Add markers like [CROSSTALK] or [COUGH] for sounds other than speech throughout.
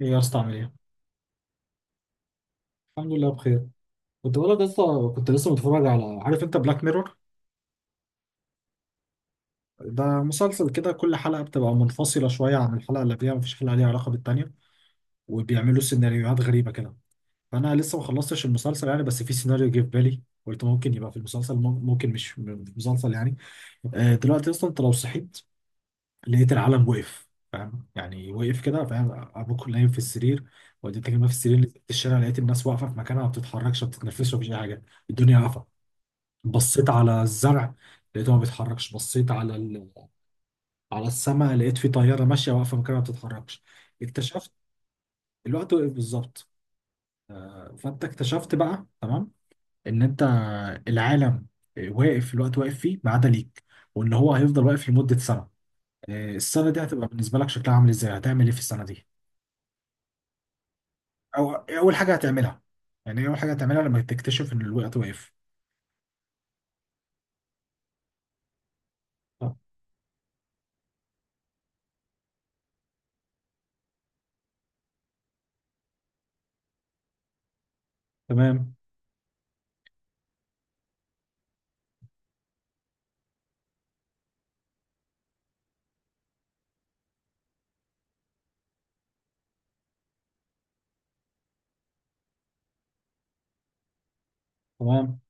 ايه يا اسطى عامل ايه؟ الحمد لله بخير. كنت بقول لك يا اسطى، كنت لسه متفرج على، عارف انت بلاك ميرور؟ ده مسلسل كده، كل حلقة بتبقى منفصلة شوية عن الحلقة اللي قبلها، مفيش حلقة ليها علاقة بالتانية، وبيعملوا سيناريوهات غريبة كده. فأنا لسه ما خلصتش المسلسل يعني، بس في سيناريو جه في بالي، قلت ممكن يبقى في المسلسل، ممكن مش في المسلسل يعني. آه، دلوقتي اصلا انت لو صحيت لقيت العالم وقف، فاهم يعني وقف كده، فاهم، ابوك نايم في السرير، والدتك نايمة في السرير، نزلت الشارع لقيت الناس واقفة في مكانها، ما بتتحركش، ما بتتنفسش، ما فيش أي حاجة، الدنيا واقفة. بصيت على الزرع لقيته ما بيتحركش، بصيت على على السماء لقيت في طياره ماشيه واقفه مكانها ما بتتحركش. اكتشفت الوقت وقف بالظبط. آه، فانت اكتشفت بقى، تمام، ان انت، العالم واقف، الوقت واقف فيه ما عدا ليك، وان هو هيفضل واقف لمده سنه. آه، السنه دي هتبقى بالنسبه لك شكلها عامل ازاي؟ هتعمل ايه في السنه دي؟ او إيه اول حاجه هتعملها؟ يعني إيه اول حاجه هتعملها لما تكتشف ان الوقت واقف؟ آه، تمام. تمام.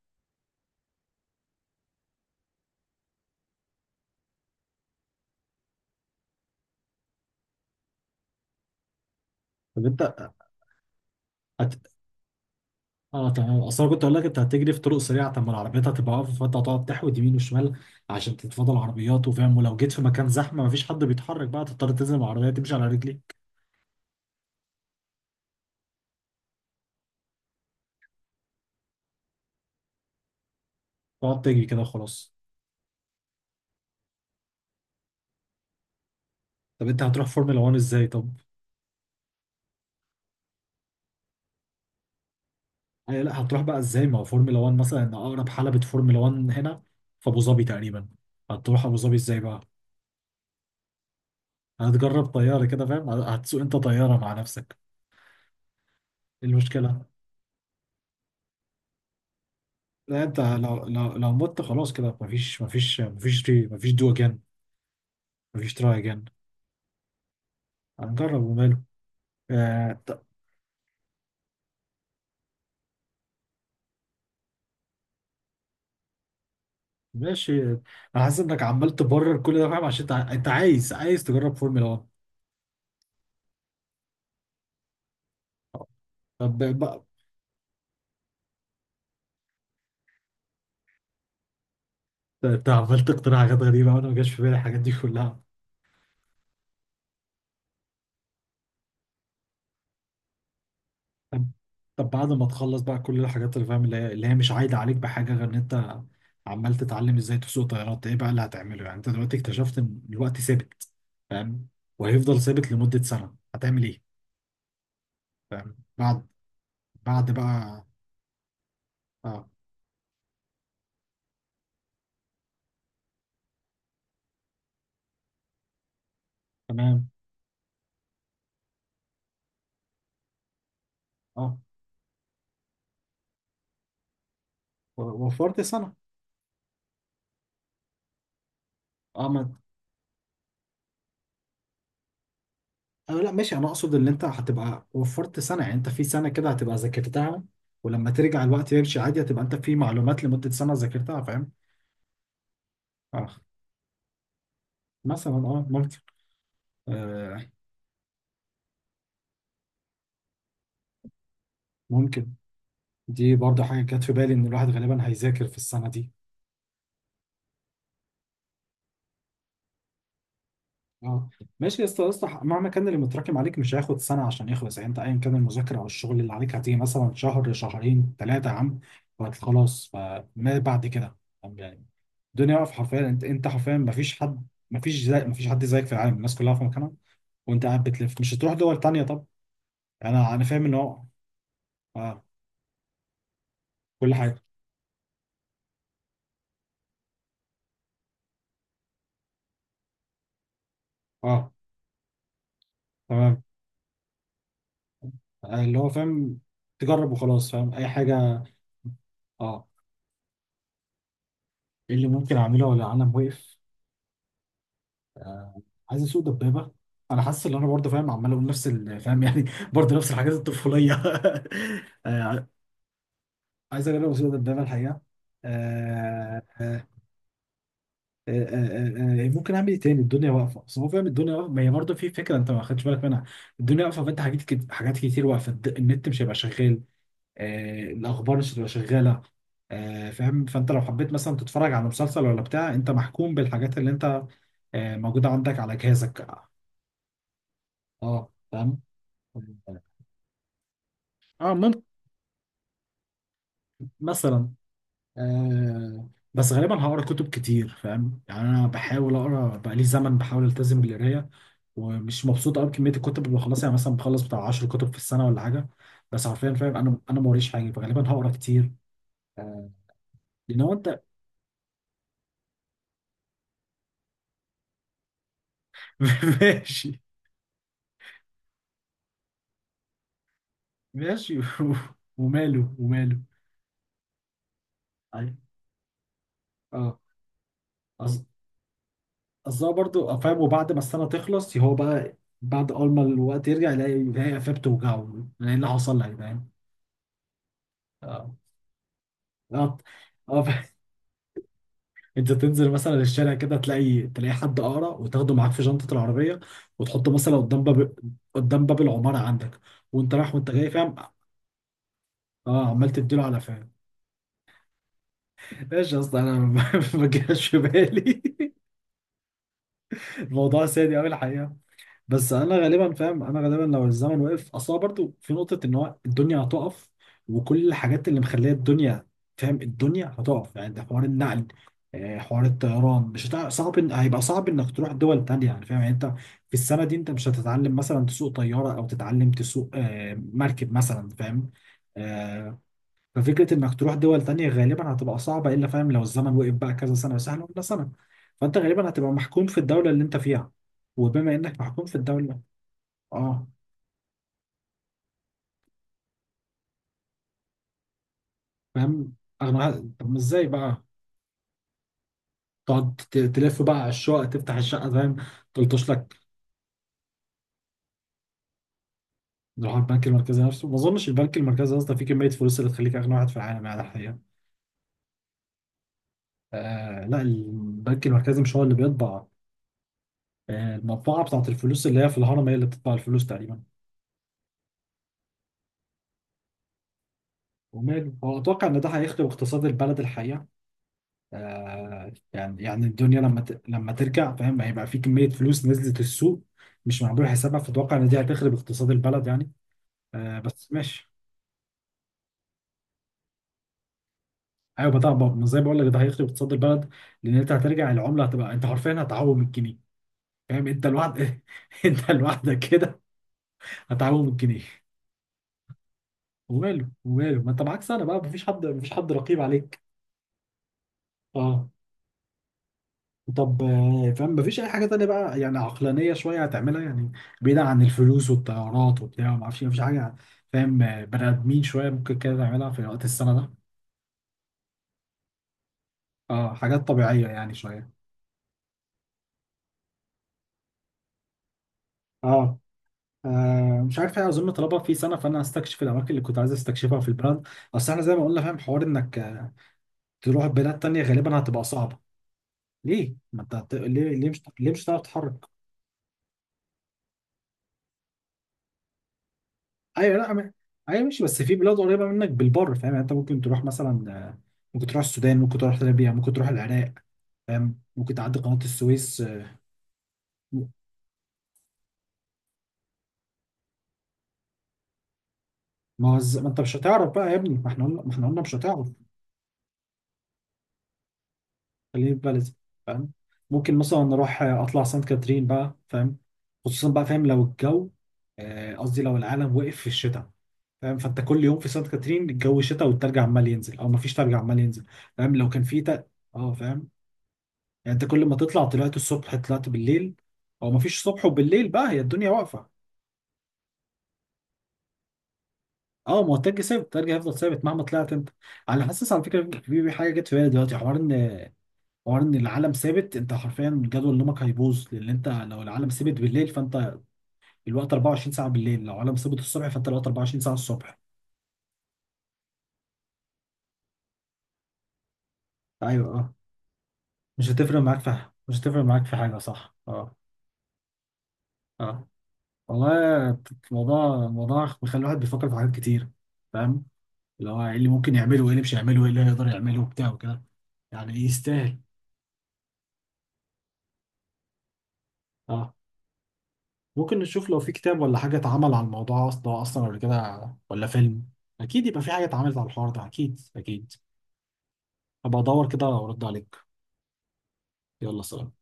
طب انت هت- اه تمام، اصل انا كنت اقول لك انت هتجري في طرق سريعه، طب ما العربيات هتبقى واقفه، فانت هتقعد تحود يمين وشمال عشان تتفادى العربيات، وفاهم، ولو جيت في مكان زحمه مفيش حد بيتحرك بقى، تضطر تنزل من العربيه تمشي على رجليك، تقعد تجري كده وخلاص. طب انت هتروح فورمولا 1 ازاي؟ طب أي لا، هتروح بقى ازاي؟ ما هو فورمولا 1 مثلا ان اقرب حلبه فورمولا 1 هنا في ابو ظبي تقريبا، هتروح ابو ظبي ازاي بقى؟ هتجرب طياره كده فاهم؟ هتسوق انت طياره مع نفسك؟ إيه المشكله؟ لا انت لو مت خلاص كده، مفيش مفيش دو اجين، مفيش تراي اجين. هنجرب وماله. آه طب ماشي، انا حاسس انك عمال تبرر كل ده، فاهم، عشان انت أنت عايز تجرب فورمولا 1. طب بقى انت عمال تقترح حاجات غريبه وانا ما جاش في بالي الحاجات دي كلها. طب، طب بعد ما تخلص بقى كل الحاجات اللي فاهم، اللي هي مش عايده عليك بحاجه غير ان انت عمال تتعلم ازاي تسوق طيارات، ايه بقى اللي هتعمله؟ يعني انت دلوقتي اكتشفت ان الوقت ثابت، فاهم، وهيفضل ثابت لمده سنه، هتعمل ايه؟ فاهم؟ بعد، بعد بقى. اه تمام. اه، وفرت سنه. اه، ما آه لا ماشي، انا اقصد ان انت هتبقى وفرت سنه، يعني انت في سنه كده هتبقى ذاكرتها، ولما ترجع الوقت يمشي عادي هتبقى انت في معلومات لمده سنه ذاكرتها، فاهم. اه، مثلا اه، ممكن. آه ممكن. دي برضه حاجه جت في بالي، ان الواحد غالبا هيذاكر في السنه دي. اه، ماشي يا اسطى، يا اسطى مهما كان اللي متراكم عليك مش هياخد سنه عشان يخلص، يعني انت ايا كان المذاكره او الشغل اللي عليك هتيجي مثلا شهر، شهرين، ثلاثه يا عم، خلاص، فما بعد كده، طب يعني، الدنيا واقفه حرفيا، انت، انت حرفيا ما فيش حد، ما فيش زي ما فيش حد زيك في العالم، الناس كلها في مكانها وانت قاعد بتلف، مش هتروح دول تانية، طب، يعني انا، انا فاهم ان هو. اه، كل حاجه. اه تمام. آه، اللي هو فاهم، تجرب وخلاص فاهم، اي حاجه. اه، ايه اللي ممكن اعمله ولا العالم وقف؟ آه، عايز اسوق دبابه. انا حاسس ان انا برضه فاهم، عمال اقول نفس فاهم يعني، [LAUGHS] برضه نفس الحاجات الطفوليه. [LAUGHS] آه، عايز اجرب اسوق دبابه الحقيقه. آه، آه، آه، آه، آه، آه، ممكن اعمل ايه تاني؟ الدنيا واقفه، بس هو فاهم الدنيا واقفه، ما هي برضه في فكره انت ما خدتش بالك منها، الدنيا واقفه فانت حاجات حاجات كتير واقفه، النت مش هيبقى شغال. آه، الاخبار مش هتبقى شغاله. آه، فاهم، فانت لو حبيت مثلا تتفرج على مسلسل ولا بتاع، انت محكوم بالحاجات اللي انت، آه، موجوده عندك على جهازك. اه فاهم. اه ممكن، مثلا. آه بس غالبا هقرا كتب كتير، فاهم، يعني انا بحاول اقرا بقالي زمن، بحاول التزم بالقرايه، ومش مبسوط قوي بكميه الكتب اللي بخلصها، يعني مثلا بخلص بتاع 10 كتب في السنه ولا حاجه، بس حرفيا فاهم، انا، انا ما وريش حاجه، فغالبا هقرا كتير. آه، لان هو انت. [LAUGHS] ماشي. ماشي. [LAUGHS] وماله وماله. ايوه. اه. أص- قصدها برضو فاهم، وبعد ما السنه تخلص هو بقى، بعد اول ما الوقت يرجع يلاقي، قفاه بتوجعه، يلاقي اللي حصل لك فاهم. آه. اه. اه [LAUGHS] انت تنزل مثلا الشارع كده، تلاقي حد اقرع وتاخده معاك في شنطه العربيه، وتحطه مثلا قدام باب، قدام باب العماره عندك، وانت رايح وانت جاي، فاهم. اه عمال تديله على، فاهم. [LAUGHS] ايش يا اسطى، انا ما [LAUGHS] ما جاش في بالي. [LAUGHS] الموضوع سادي قوي الحقيقه، بس انا غالبا فاهم، انا غالبا لو الزمن وقف اصلا برضو، في نقطه ان هو الدنيا هتقف، وكل الحاجات اللي مخليه الدنيا، فاهم، الدنيا هتقف يعني، ده حوار النقل، آه، حوار الطيران مش هتع... صعب إن... هيبقى صعب انك تروح دول تانية، يعني فاهم، يعني انت في السنه دي انت مش هتتعلم مثلا تسوق طياره او تتعلم تسوق، آه، مركب مثلا، فاهم. آه، ففكره انك تروح دول تانية غالبا هتبقى صعبه، الا فاهم لو الزمن وقف بقى كذا سنه وسهل، ولا سنه فانت غالبا هتبقى محكوم في الدوله اللي انت فيها، وبما انك محكوم في الدوله. اه فاهم، اغنى واحد، طب ما ازاي بقى؟ تقعد تلف بقى على الشقق، تفتح الشقه فاهم، تلطش لك. نروح على البنك المركزي نفسه، ما اظنش البنك المركزي اصلا فيه كميه فلوس اللي تخليك اغنى واحد في العالم يعني الحقيقه. آه لا، البنك المركزي مش هو اللي بيطبع. آه، المطبعه بتاعت الفلوس اللي هي في الهرم هي اللي بتطبع الفلوس تقريبا. وماله، هو اتوقع ان ده هيخدم اقتصاد البلد الحقيقه. آه، يعني، يعني الدنيا لما ت... لما ترجع فاهم، هيبقى في كميه فلوس نزلت السوق مش معمول حسابها، فاتوقع ان دي هتخرب اقتصاد البلد يعني. آه بس ماشي. ايوه بتاع، زي ما زي بقول لك، ده هيخرب اقتصاد البلد، لان انت هترجع العمله هتبقى، انت حرفيا هتعوم الجنيه، فاهم، انت لوحدك [LAUGHS] انت لوحدك كده هتعوم الجنيه. وماله، وماله، ما انت معاك سنه بقى، مفيش حد، رقيب عليك. اه. طب آه، فاهم، مفيش اي حاجه تانيه بقى يعني عقلانيه شويه هتعملها يعني، بعيدا عن الفلوس والطيارات وبتاع، ما اعرفش إيه، مفيش حاجه يعني، فاهم، آه، بني ادمين شويه ممكن كده تعملها في وقت السنه ده. اه، حاجات طبيعيه يعني شويه. اه. آه مش عارف ايه، اظن طلبها في سنه، فانا هستكشف الاماكن اللي كنت عايز استكشفها في البلد، اصل احنا زي ما قلنا فاهم، حوار انك، آه، تروح بلاد تانية غالبا هتبقى صعبه. ليه ما انت هت... ليه، ليه مش هتعرف تتحرك؟ ايوه لا ما... ايوه ماشي، بس في بلاد قريبه منك بالبر فاهم، يعني انت ممكن تروح مثلا، آه، ممكن تروح السودان، ممكن تروح ليبيا، ممكن تروح العراق، فاهم، ممكن تعدي قناه السويس، آه، ما هو ما انت مش هتعرف بقى يا ابني، ما احنا قلنا، مش هتعرف. خليني في بلدي. فاهم، ممكن مثلا نروح، آه، اطلع سانت كاترين بقى، فاهم، خصوصا بقى فاهم لو الجو، آه، قصدي لو العالم وقف في الشتاء، فاهم، فانت كل يوم في سانت كاترين الجو شتاء، والتلج عمال ينزل او مفيش تلج عمال ينزل، فاهم، لو كان في تلج. اه، فاهم، يعني انت كل ما تطلع، طلعت الصبح، طلعت بالليل، او مفيش صبح وبالليل بقى، هي الدنيا واقفه. اه، ما هو التلج ثابت، التلج هيفضل ثابت مهما طلعت انت، على حاسس على فكره، في في حاجه جت في بالي دلوقتي، حوار ان، العالم ثابت، انت حرفيا جدول نومك هيبوظ، لان انت لو العالم ثابت بالليل فانت الوقت 24 ساعه بالليل، لو العالم ثابت الصبح فانت الوقت 24 ساعه الصبح. ايوه. اه. مش هتفرق معاك في حاجة. مش هتفرق معاك في حاجه، صح. اه. اه والله، الموضوع، بيخلي الواحد بيفكر في حاجات كتير، فاهم، اللي هو ايه اللي ممكن يعمله، وايه اللي مش هيعمله، وايه اللي هيقدر يعمله، وبتاع وكده. يعني يستاهل. اه ممكن نشوف لو في كتاب ولا حاجه اتعمل على الموضوع اصلا، اصلا ولا كده ولا فيلم، اكيد يبقى في حاجه اتعملت على الحوار ده، اكيد اكيد. هبقى ادور كده وارد عليك. يلا سلام.